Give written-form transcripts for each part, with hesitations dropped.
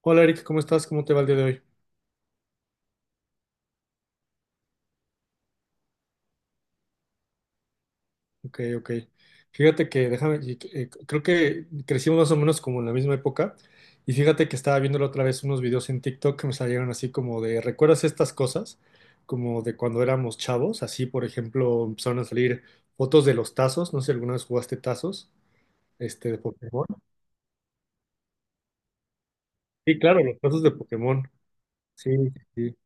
Hola Eric, ¿cómo estás? ¿Cómo te va el día de hoy? Ok. Fíjate que, déjame, creo que crecimos más o menos como en la misma época. Y fíjate que estaba viendo la otra vez unos videos en TikTok que me salieron así como de, ¿recuerdas estas cosas? Como de cuando éramos chavos. Así, por ejemplo, empezaron a salir fotos de los tazos. No sé si alguna vez jugaste tazos, de Pokémon. Sí, claro, los tazos de Pokémon. Sí, sí,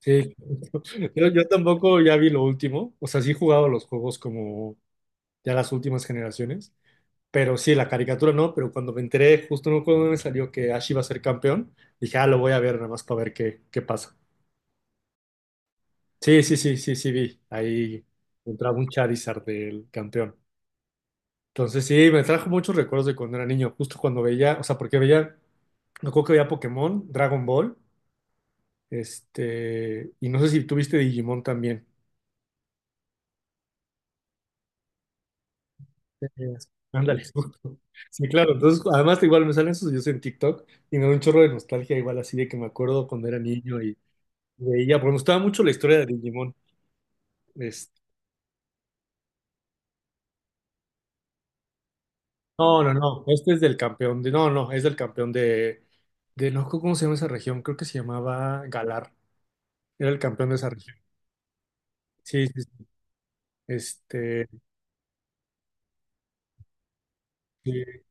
sí. Sí, yo tampoco ya vi lo último. O sea, sí he jugado los juegos como ya las últimas generaciones. Pero sí, la caricatura no, pero cuando me enteré, justo no cuando me salió que Ash iba a ser campeón, dije, ah, lo voy a ver nada más para ver qué pasa. Sí, sí, sí, sí, sí, vi. Ahí entraba un Charizard del campeón. Entonces sí, me trajo muchos recuerdos de cuando era niño, justo cuando veía, o sea, porque veía, me acuerdo que veía Pokémon, Dragon Ball, y no sé si tuviste Digimon también. Eh, Ándale, justo. Sí, claro. Entonces, además, igual me salen sus videos en TikTok y me da un chorro de nostalgia, igual así de que me acuerdo cuando era niño y veía, porque me gustaba mucho la historia de Digimon. Es- no, no, no. Este es del campeón de. No, no, es del campeón de. De no, ¿cómo se llama esa región? Creo que se llamaba Galar. Era el campeón de esa región. Sí, sí, sí. Este. Sí.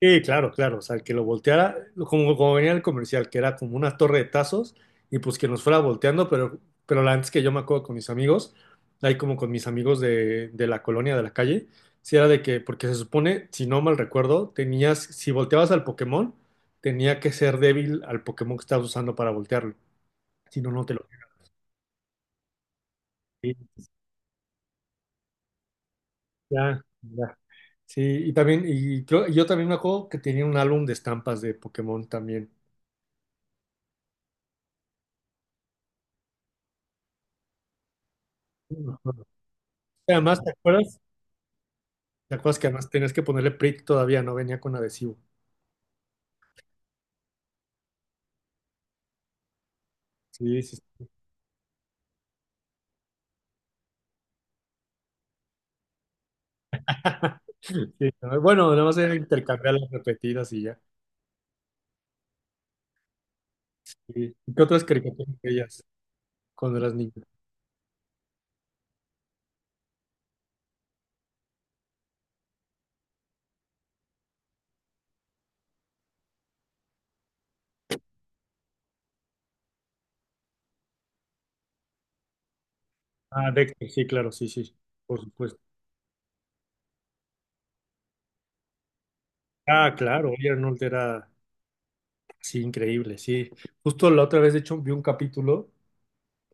Sí, claro, claro. O sea, que lo volteara, como, como venía el comercial, que era como una torre de tazos, y pues que nos fuera volteando, pero la antes que yo me acuerdo con mis amigos, ahí como con mis amigos de la colonia, de la calle, si era de que, porque se supone, si no mal recuerdo, tenías, si volteabas al Pokémon, tenía que ser débil al Pokémon que estabas usando para voltearlo. Si no, no te lo. Sí, ya, ya. Sí, yo también me acuerdo que tenía un álbum de estampas de Pokémon también. Sí, me acuerdo. Además, ¿te acuerdas? ¿Te acuerdas que además tenías que ponerle prick todavía? No venía con adhesivo. Sí, sí, sí. Sí, no, bueno, nada más era intercambiar las repetidas y ya. Sí. ¿Qué otras caricaturas veías cuando eras niño? Ah, Dexter, sí, claro, sí, sí, por supuesto. Ah, claro, Oye Arnold era, sí, increíble, sí. Justo la otra vez, de hecho, vi un capítulo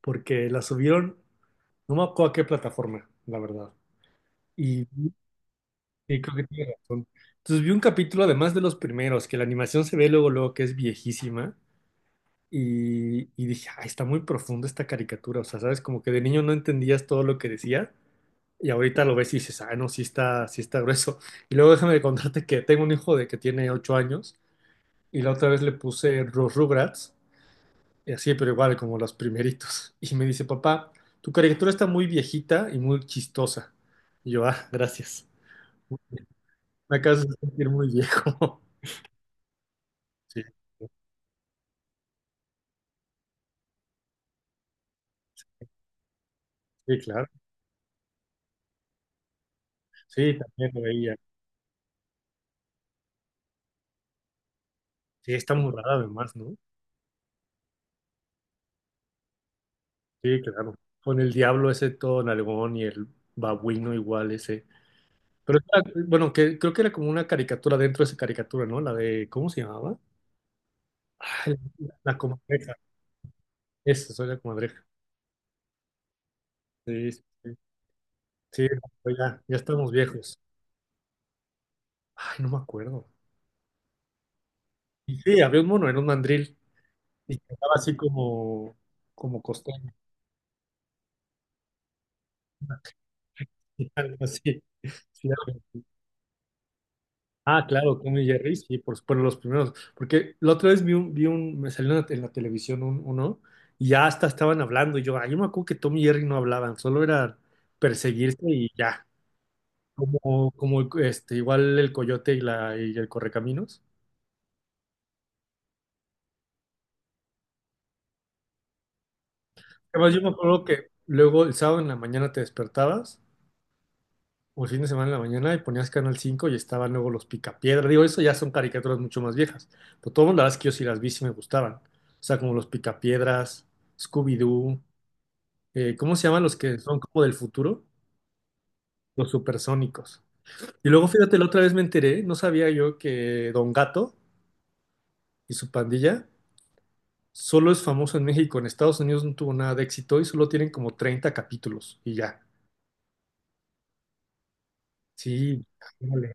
porque la subieron, no me acuerdo a qué plataforma, la verdad. Y, y creo que tiene razón. Entonces vi un capítulo, además de los primeros, que la animación se ve luego, luego que es viejísima. Y dije, ay, está muy profunda esta caricatura. O sea, sabes, como que de niño no entendías todo lo que decía. Y ahorita lo ves y dices, ah, no, sí está grueso. Y luego déjame contarte que tengo un hijo de que tiene 8 años. Y la otra vez le puse los Rugrats. Y así, pero igual, como los primeritos. Y me dice, papá, tu caricatura está muy viejita y muy chistosa. Y yo, ah, gracias. Me acabas de sentir muy viejo. Sí, sí, claro. Sí, también lo veía. Sí, está muy rara además, ¿no? Sí, claro. Con el diablo ese todo nalgón y el babuino igual ese. Pero era- bueno, que creo que era como una caricatura dentro de esa caricatura, ¿no? La de, ¿cómo se llamaba? Ay, la comadreja. Esa, soy la comadreja. Sí, sí, sí. Sí, no, ya, ya estamos viejos. Ay, no me acuerdo. Y sí, había un mono, era un mandril. Y cantaba así como, como costeño. Algo así. Sí, ah, claro, Tom y Jerry, sí, por supuesto los primeros. Porque la otra vez me salió en la televisión uno, y ya hasta estaban hablando, y yo, ay, yo me acuerdo que Tom y Jerry no hablaban, solo era perseguirse y ya. Como, como este, igual el coyote y la, y el correcaminos. Además, yo me acuerdo que luego el sábado en la mañana te despertabas, o el fin de semana en la mañana, y ponías Canal 5 y estaban luego los Picapiedra. Digo, eso ya son caricaturas mucho más viejas. Pero todas las que yo sí las vi sí me gustaban. O sea, como los Picapiedras, Scooby-Doo. Eh, ¿cómo se llaman los que son como del futuro? Los supersónicos. Y luego, fíjate, la otra vez me enteré, no sabía yo que Don Gato y su pandilla solo es famoso en México, en Estados Unidos no tuvo nada de éxito y solo tienen como 30 capítulos y ya. Sí, ándale,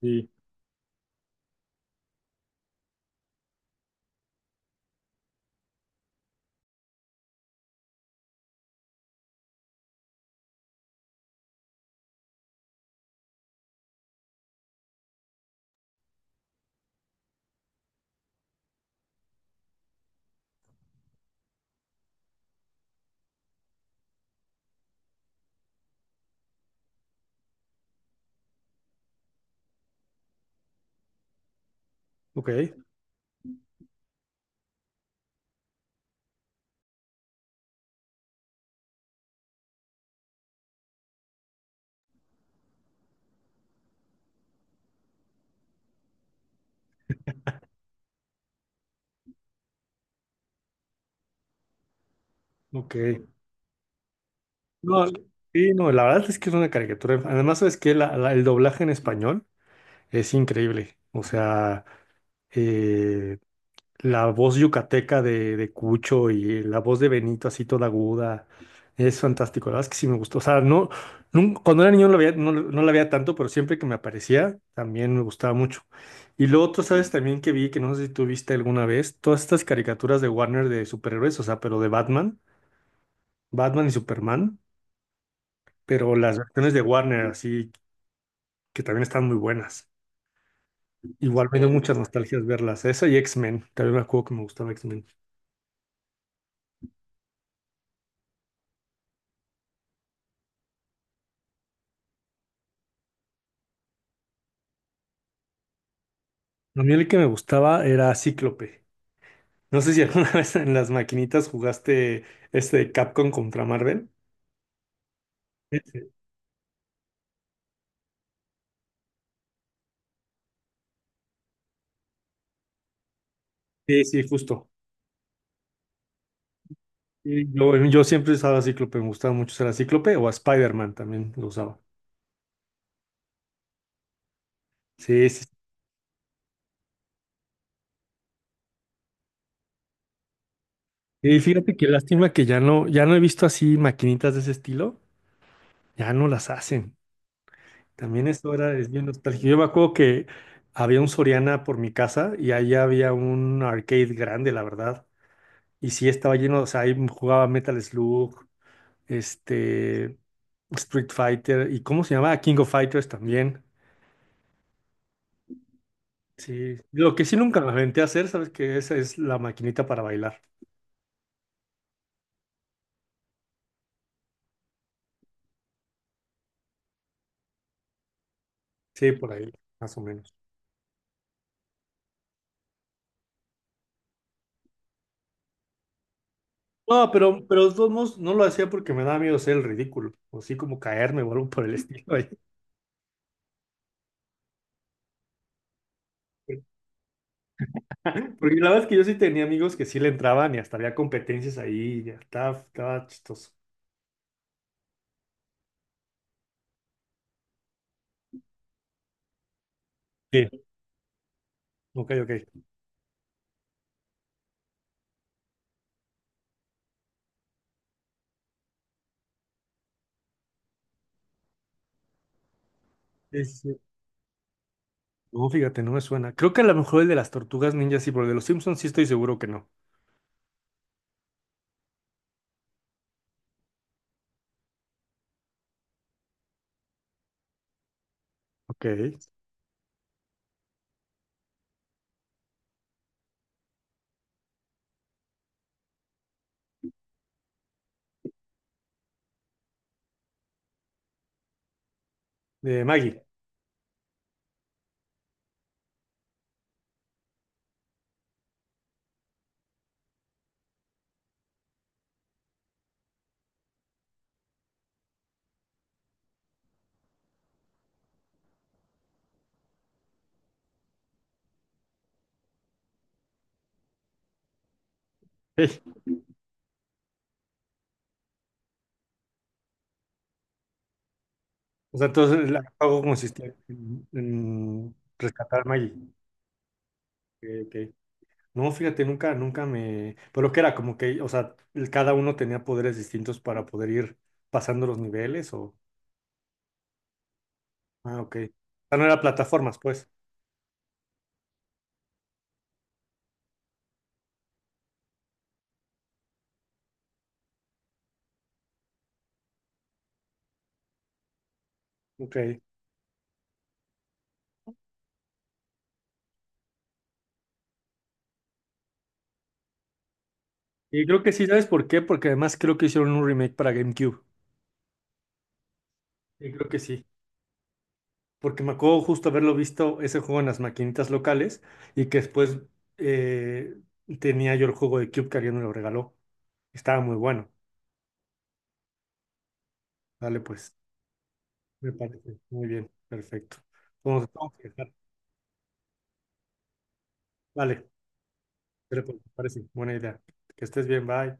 sí. Ok, ok. No, sí, no, la verdad es que es una caricatura. Además, sabes que el doblaje en español es increíble. O sea, eh, la voz yucateca de Cucho y la voz de Benito así toda aguda. Es fantástico, la verdad es que sí me gustó. O sea, no, cuando era niño no la veía, no la veía tanto, pero siempre que me aparecía también me gustaba mucho. Y lo otro, ¿sabes? También que vi, que no sé si tú viste alguna vez, todas estas caricaturas de Warner de superhéroes, o sea, pero de Batman, Batman y Superman, pero las versiones de Warner, así que también están muy buenas. Igual me dio muchas nostalgias verlas. Esa y X-Men, también me acuerdo que me gustaba X-Men. A mí el que me gustaba era Cíclope. No sé si alguna vez en las maquinitas jugaste Capcom contra Marvel. Ese. Sí, sí, justo. Sí, yo siempre usaba Cíclope, me gustaba mucho usar a Cíclope o a Spider-Man también lo usaba. Sí, sí. Y fíjate qué lástima que ya no he visto así maquinitas de ese estilo, ya no las hacen. También esto era, es bien nostálgico. Yo me acuerdo que había un Soriana por mi casa y ahí había un arcade grande, la verdad. Y sí estaba lleno, o sea, ahí jugaba Metal Slug, este, Street Fighter y ¿cómo se llamaba King of Fighters también. Sí, lo que sí nunca me aventé a hacer, ¿sabes que Esa es la maquinita para bailar. Sí, por ahí, más o menos. No, pero de todos modos no lo hacía porque me daba miedo ser el ridículo, o así como caerme o algo por el estilo ahí. Porque la verdad es que yo sí tenía amigos que sí le entraban y hasta había competencias ahí, ya estaba, estaba chistoso. Sí, ok, ok. Sí, sí, sí. No, fíjate, no me suena. Creo que a lo mejor el de las tortugas ninjas sí, pero el de los Simpsons sí estoy seguro que no. Ok. De Maggie. Sí. O sea, entonces el pago consistía en rescatar a Maggie. Ok, ok. No, fíjate, nunca, nunca me. Pero que era como que, o sea, el- cada uno tenía poderes distintos para poder ir pasando los niveles o. Ah, ok. O sea, no era plataformas, pues. Ok. Y creo que sí, ¿sabes por qué? Porque además creo que hicieron un remake para GameCube. Sí, creo que sí. Porque me acuerdo justo haberlo visto ese juego en las maquinitas locales y que después eh, tenía yo el juego de Cube que alguien me lo regaló. Estaba muy bueno. Dale, pues, me parece. Muy bien, perfecto. Vamos, vamos a dejar. Dale, dale, pues, me parece. Buena idea. Que estés bien, bye.